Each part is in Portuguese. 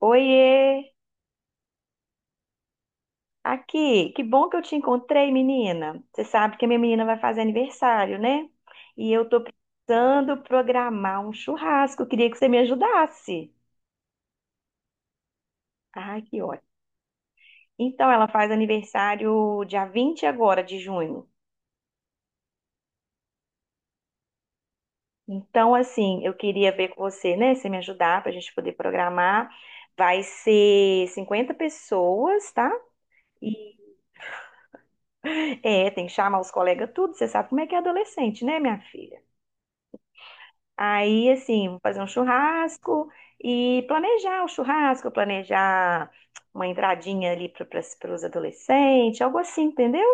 Oiê! Aqui, que bom que eu te encontrei, menina. Você sabe que a minha menina vai fazer aniversário, né? E eu tô precisando programar um churrasco. Eu queria que você me ajudasse. Ai, que ótimo. Então, ela faz aniversário dia 20 agora de junho. Então, assim, eu queria ver com você, né? Você me ajudar pra gente poder programar. Vai ser 50 pessoas, tá? E é, tem que chamar os colegas tudo. Você sabe como é que é adolescente, né, minha filha? Aí, assim, vou fazer um churrasco e planejar o churrasco, planejar uma entradinha ali para os adolescentes, algo assim, entendeu?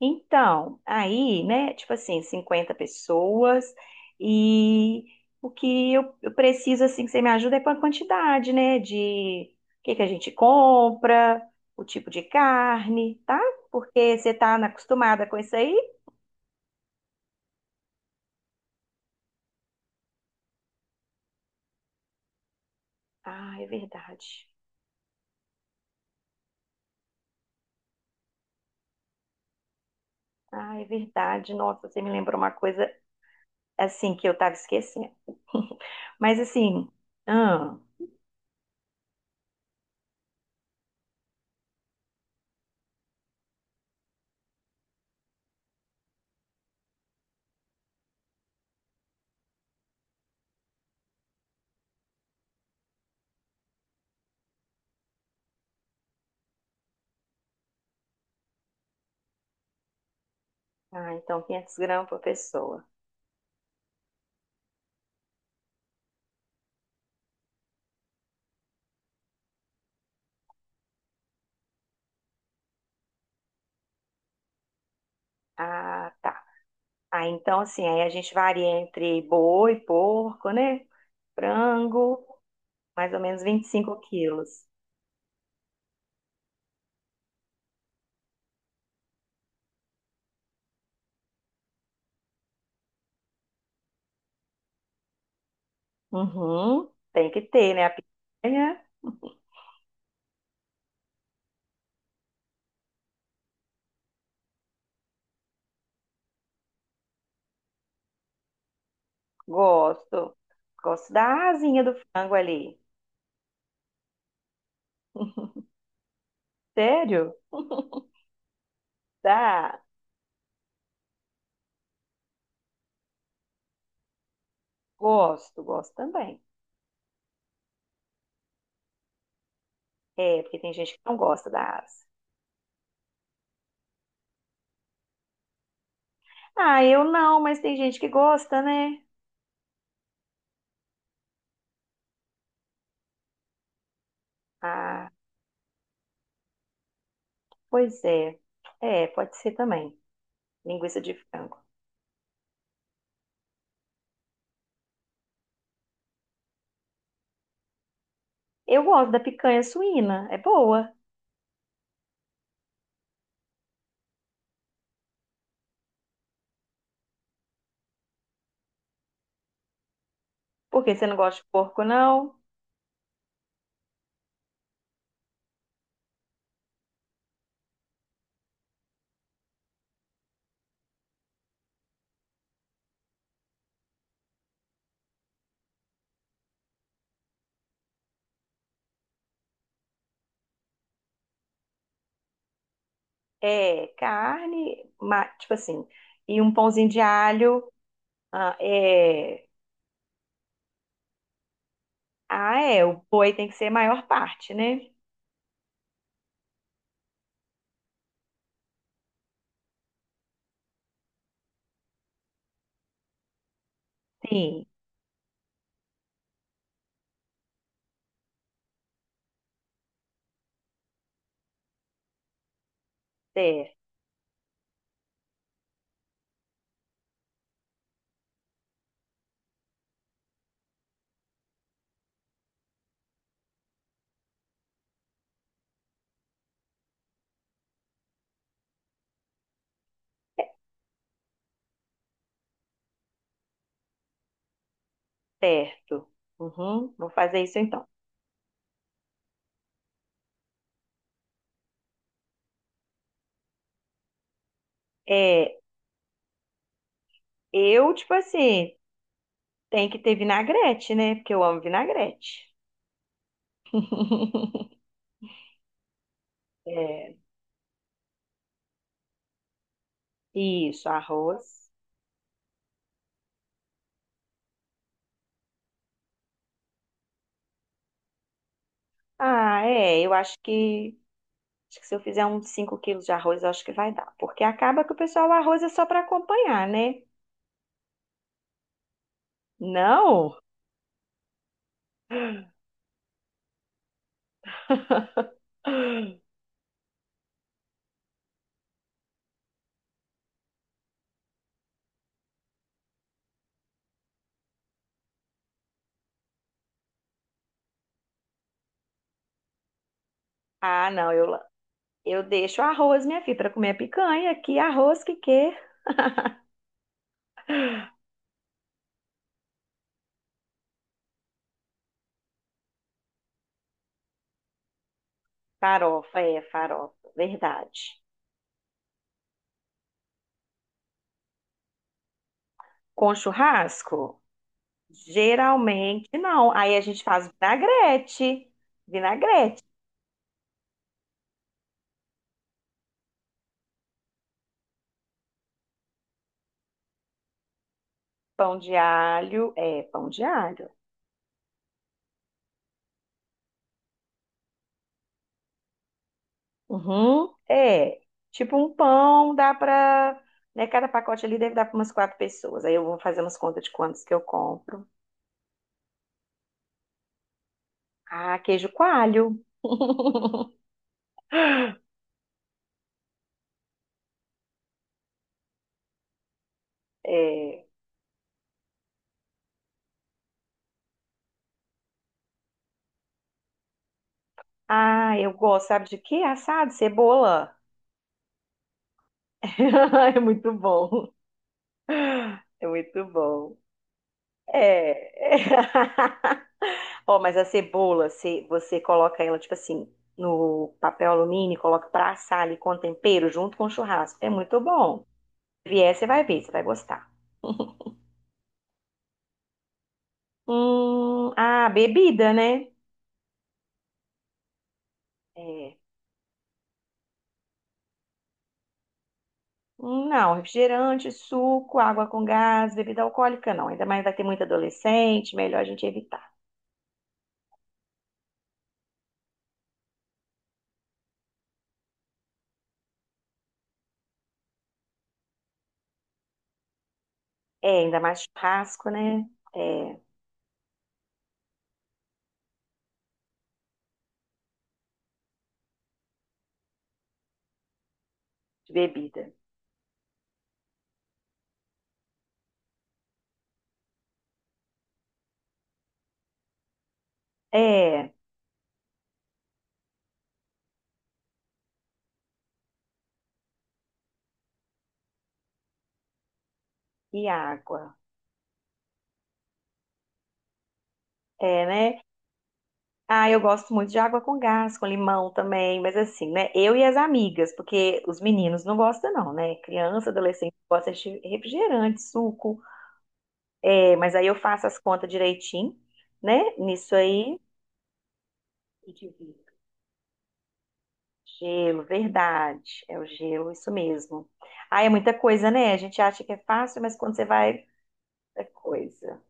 Então, aí, né, tipo assim, 50 pessoas e o que eu preciso, assim, que você me ajuda é com a quantidade, né, de o que que a gente compra, o tipo de carne, tá? Porque você tá na- acostumada com isso aí? Ah, é verdade. Ah, é verdade. Nossa, você me lembrou uma coisa assim, que eu tava esquecendo. Mas assim, ah, então 500 gramas por pessoa. Ah, tá. Ah, então assim, aí a gente varia entre boi, porco, né? Frango, mais ou menos 25 quilos. Uhum, tem que ter, né? A picanha, gosto. Gosto da asinha do frango ali. Sério? Tá. Gosto, gosto também. É, porque tem gente que não gosta da asa. Ah, eu não, mas tem gente que gosta, né? Ah, pois é. É, pode ser também. Linguiça de frango. Eu gosto da picanha suína, é boa. Porque você não gosta de porco, não? É carne, ma- tipo assim, e um pãozinho de alho. Ah, é, ah, é, o boi tem que ser a maior parte, né? Sim, certo. É certo. Uhum, vou fazer isso então. É, eu, tipo assim, tem que ter vinagrete, né? Porque eu amo vinagrete. É, isso, arroz. Ah, é, eu acho que se eu fizer uns 5 quilos de arroz, eu acho que vai dar. Porque acaba que o pessoal, o arroz é só para acompanhar, né? Não? Ah, não, eu deixo arroz, minha filha, para comer a picanha. Que arroz que quer? Farofa, é, farofa, verdade. Com churrasco? Geralmente não. Aí a gente faz vinagrete, vinagrete, pão de alho, é, pão de alho. Uhum. É, tipo um pão dá pra. Né, cada pacote ali deve dar para umas quatro pessoas. Aí eu vou fazer umas contas de quantos que eu compro. Ah, queijo coalho. É. Ah, eu gosto, sabe de quê? Assado, cebola. É muito bom. É muito bom. É. Ó, mas a cebola, se você coloca ela, tipo assim, no papel alumínio, coloca pra assar ali com tempero junto com o churrasco. É muito bom. Se vier, você vai ver, você vai gostar. Ah, bebida, né? É. Não, refrigerante, suco, água com gás, bebida alcoólica, não. Ainda mais vai ter muito adolescente, melhor a gente evitar. É, ainda mais churrasco, né? É, de bebida. É, e água. É, né? Ah, eu gosto muito de água com gás, com limão também, mas assim, né? Eu e as amigas, porque os meninos não gostam, não, né? Criança, adolescente gosta de refrigerante, suco. É, mas aí eu faço as contas direitinho, né? Nisso aí. E de vidro. Gelo, verdade. É o gelo, isso mesmo. Ah, é muita coisa, né? A gente acha que é fácil, mas quando você vai, é coisa.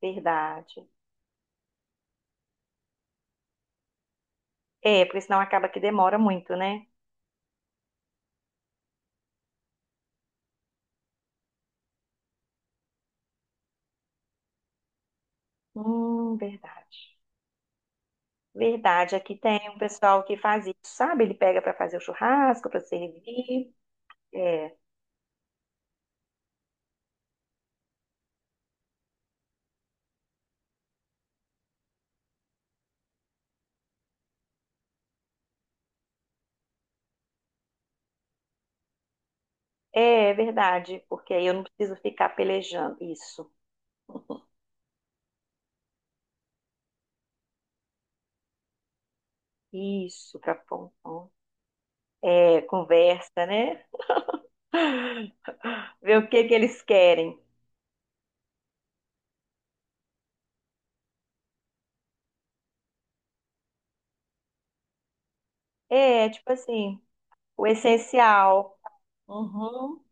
Verdade. É, porque senão acaba que demora muito, né? Verdade. Verdade, aqui tem um pessoal que faz isso, sabe? Ele pega para fazer o churrasco, para servir. É, é verdade, porque aí eu não preciso ficar pelejando. Isso, isso, para é, conversa, né? Ver o que que eles querem. É, tipo assim, o essencial. Uhum.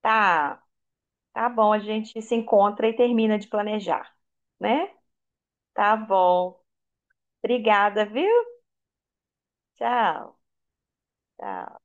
Tá, tá bom, a gente se encontra e termina de planejar, né? Tá bom. Obrigada, viu? Tchau, tchau.